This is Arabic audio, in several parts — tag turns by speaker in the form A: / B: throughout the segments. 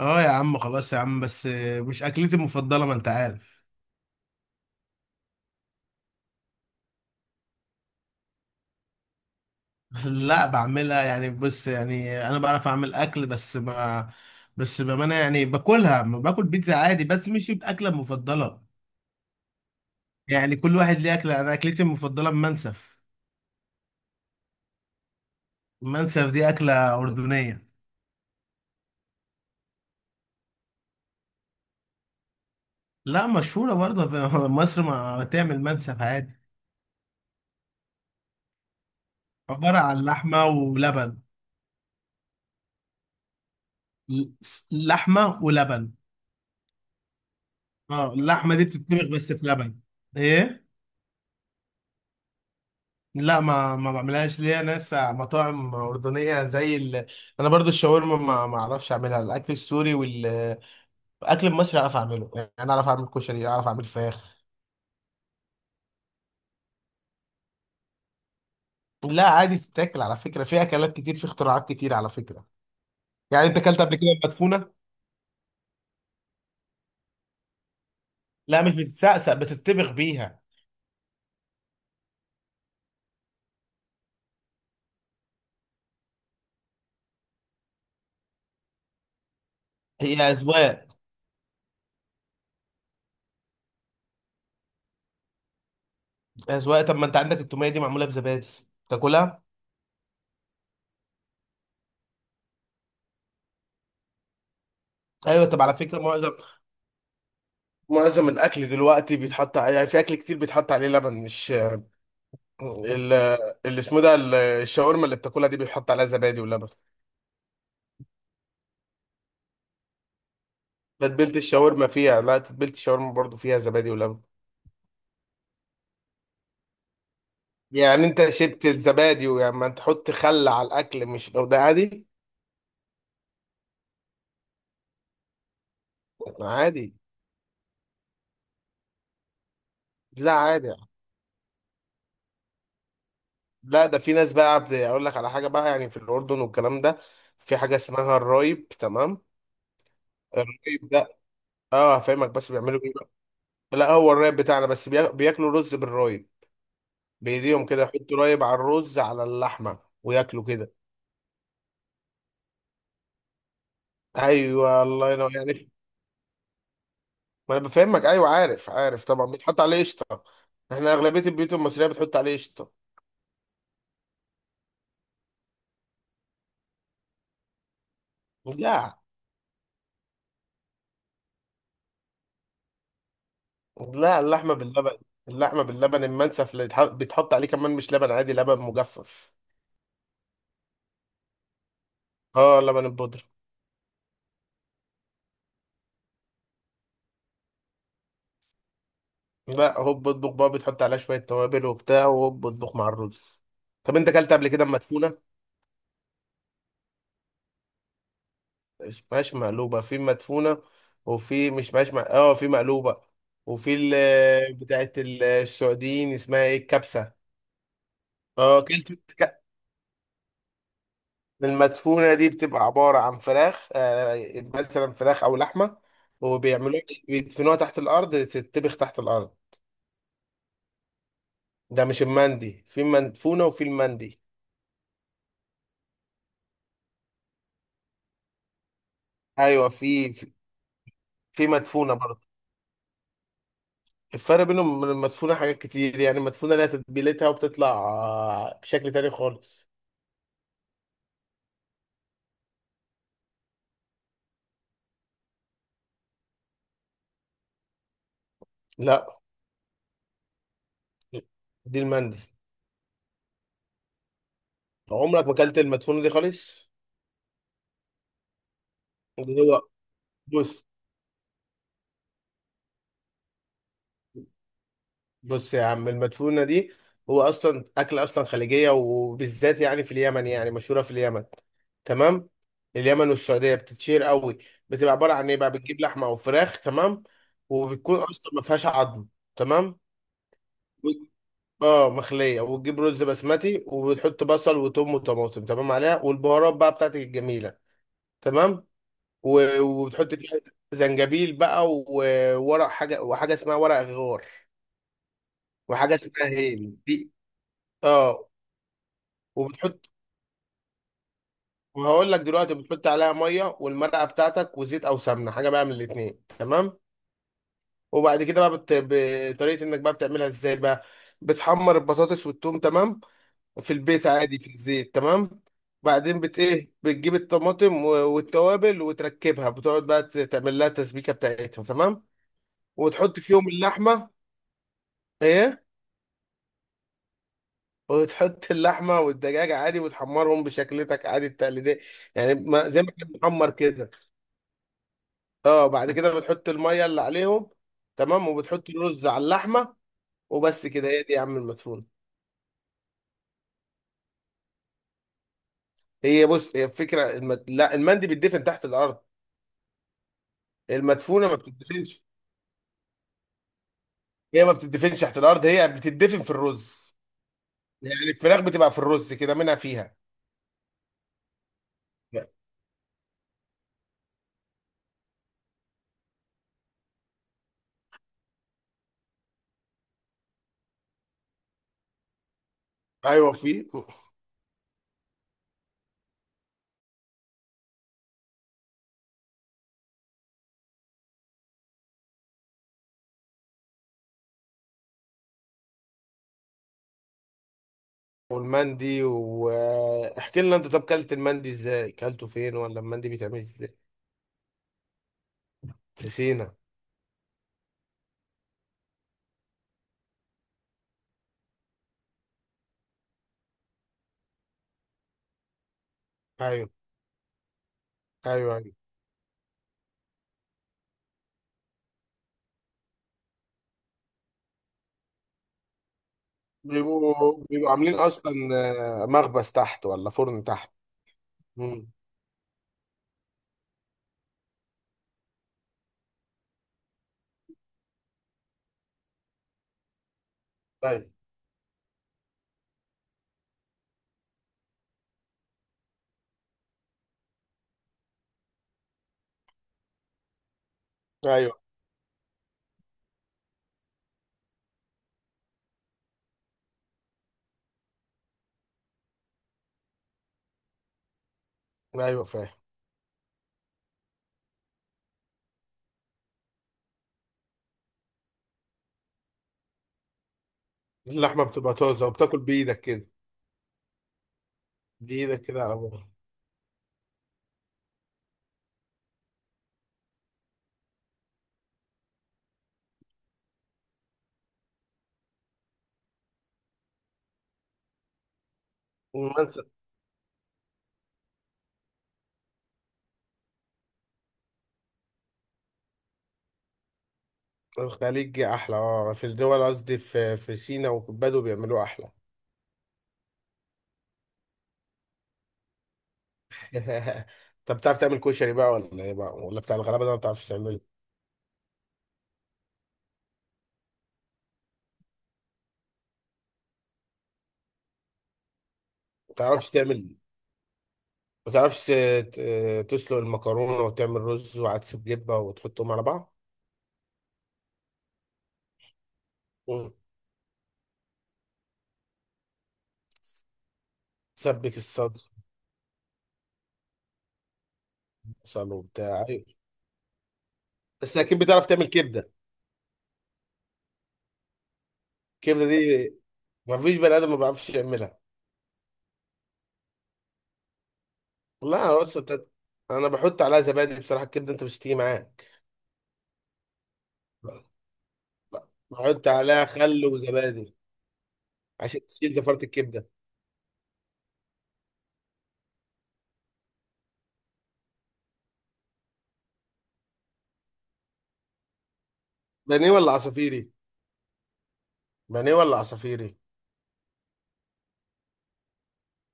A: اه يا عم، خلاص يا عم بس. مش اكلتي المفضله، ما انت عارف. لا، بعملها. يعني بص، يعني انا بعرف اعمل اكل، بس ما بس بامانه يعني باكلها، ما باكل بيتزا عادي، بس مش الاكله المفضله. يعني كل واحد ليه اكله. انا اكلتي المفضله المنسف. المنسف دي اكله اردنيه. لا، مشهوره برضه في مصر. ما تعمل منسف عادي. عباره عن لحمه ولبن. ل- لحمه ولبن. اه، اللحمه دي بتتطبخ بس في لبن. ايه. لا، ما بعملهاش. ليا ناس مطاعم أردنية أنا برضو الشاورما ما أعرفش أعملها. الأكل السوري والأكل المصري أعرف أعمله. يعني أنا أعرف أعمل كشري، أعرف أعمل فراخ. لا، عادي تتاكل على فكرة، في أكلات كتير، في اختراعات كتير على فكرة. يعني أنت أكلت قبل كده مدفونة؟ لا، مش بتتسقسق، بتتبخ بيها. هي أذواق. أذواق. طب ما أنت عندك التومية دي معمولة بزبادي. تاكلها؟ أيوة. طب على فكرة معظم معظم الأكل دلوقتي بيتحط يعني في أكل كتير بيتحط عليه لبن مش ال- اللي اسمه ده الشاورما اللي بتاكلها دي بيحط عليها زبادي ولبن. تتبيلة الشاورما فيها، لا، تتبيلة الشاورما برضو فيها زبادي ولبن. يعني انت شربت الزبادي، ويعني ما تحط خل على الاكل، مش لو ده عادي؟ عادي. لا، عادي. لا، ده في ناس بقى اقول لك على حاجة بقى، يعني في الاردن والكلام ده، في حاجة اسمها الرايب، تمام. الرايب ده، اه، هفهمك. بس بيعملوا ايه بقى؟ لا، هو الرايب بتاعنا، بس بياكلوا رز بالرايب. بايديهم كده يحطوا رايب على الرز على اللحمة وياكلوا كده. ايوه، الله ينور. يعني ما انا بفهمك. ايوه عارف عارف طبعا، بيتحط عليه قشطه. احنا اغلبيه البيوت المصريه بتحط عليه قشطه. لا لا، اللحمه باللبن. اللحمه باللبن المنسف اللي بيتحط عليه كمان مش لبن عادي، لبن مجفف. اه، لبن البودره. لا، هوب اطبخ بقى. بتحط عليها شويه توابل وبتاع وهوب اطبخ مع الرز. طب انت اكلت قبل كده مدفونه؟ مش مقلوبه، في مدفونه. وفي مش مش م- اه في مقلوبه. وفي بتاعت السعوديين اسمها ايه، الكبسه. اه كلت. ك- المدفونة دي بتبقى عبارة عن فراخ، مثلا فراخ أو لحمة، وبيعملوها إيه، بيدفنوها تحت الأرض، تتبخ تحت الأرض. ده مش المندي، في مدفونة وفي المندي. أيوة، في. في مدفونة برضه. الفرق بينهم من المدفونة حاجات كتير. يعني المدفونة لها تتبيلتها، وبتطلع بشكل تاني خالص. لا، دي المندي. عمرك ما أكلت المدفونة دي خالص. اللي هو بص، بص يا عم، المدفونة دي هو أصلا أكلة أصلا خليجية، وبالذات يعني في اليمن، يعني مشهورة في اليمن. تمام. اليمن والسعودية بتتشير قوي. بتبقى عبارة عن إيه بقى، بتجيب لحمة أو فراخ، تمام. وبتكون أصلا ما فيهاش عظم. تمام. و- اه مخلية، وتجيب رز بسمتي، وبتحط بصل وتوم وطماطم، تمام، عليها والبهارات بقى بتاعتك الجميلة. تمام. وبتحط فيها زنجبيل بقى، وورق حاجة، وحاجة اسمها ورق غار، وحاجة اسمها هيل دي. اه. وبتحط وهقول لك دلوقتي. بتحط عليها ميه والمرقه بتاعتك، وزيت او سمنه، حاجه بقى من الاتنين، تمام. وبعد كده بقى بطريقه انك بقى بتعملها ازاي بقى، بتحمر البطاطس والثوم، تمام، في البيت عادي في الزيت، تمام. بعدين بت ايه، بتجيب الطماطم والتوابل وتركبها. بتقعد بقى تعمل لها التسبيكه بتاعتها، تمام. وتحط فيهم اللحمه. ايه. وتحط اللحمه والدجاج عادي، وتحمرهم بشكلتك عادي التقليديه. يعني ما زي ما احنا بنحمر كده. اه، بعد كده بتحط الميه اللي عليهم، تمام، وبتحط الرز على اللحمه. وبس كده. هي دي يا عم المدفونه. هي بص، هي الفكره لا، المندي بيتدفن تحت الارض. المدفونه ما بتدفنش. هي ما بتدفنش تحت الارض، هي بتدفن في الرز. يعني الفراخ بتبقى في الرز كده، منها فيها. ايوه في. والمندي، واحكي لنا انت. طب كلت المندي ازاي، كلته فين، ولا المندي بيتعمل ازاي؟ في سينا. ايوه ايوه ايوه. بيبقوا عاملين اصلا، مخبز تحت ولا فرن تحت. مم. طيب. ايوه ايوه فاهم. اللحمه بتبقى طازه، وبتاكل بايدك كده. بايدك كده على بعض. المنسف الخليجي احلى. اه في الدول قصدي، في سينا، وبدو بيعملوه احلى. طب بتعرف تعمل كشري بقى، ولا ايه بقى، ولا بتاع الغلابه ده ما بتعرفش تعمله؟ ما بتعرفش تعمل. ما بتعرفش تسلق المكرونه وتعمل رز وعدس بجبه وتحطهم على بعض. مم. تسبك الصدر، بصل وبتاع، ايوه. بس اكيد بتعرف تعمل كبده. الكبده دي ما فيش بني ادم ما بيعرفش يعملها. لا بص، انا بحط عليها زبادي بصراحه. الكبده انت مش هتيجي معاك. ب- بحط عليها خل وزبادي عشان تشيل زفاره الكبده. بانيه ولا عصافيري؟ بانيه ولا عصافيري؟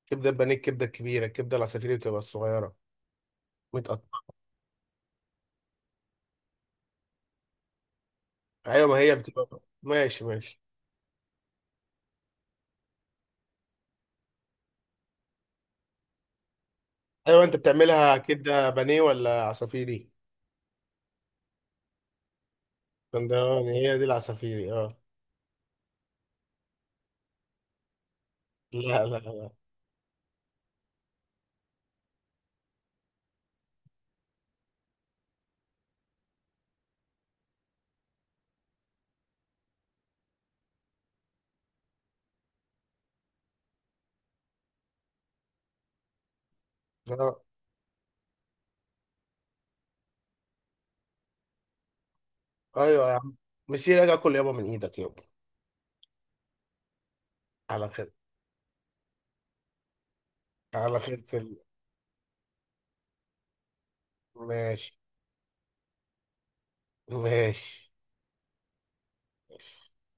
A: كبده البانيه الكبده الكبيره، الكبده العصافيري بتبقى الصغيره، متقطعه. ايوه، ما هي بتبقى ماشي ماشي. ايوه، انت بتعملها كبده بانيه ولا عصافيري؟ اسكندراني هي دي العصافيري، اه. لا لا لا. آه. ايوه يا عم. مش راجع اكل يابا من ايدك يابا. على خير. على خير ماشي. ماشي. ماشي.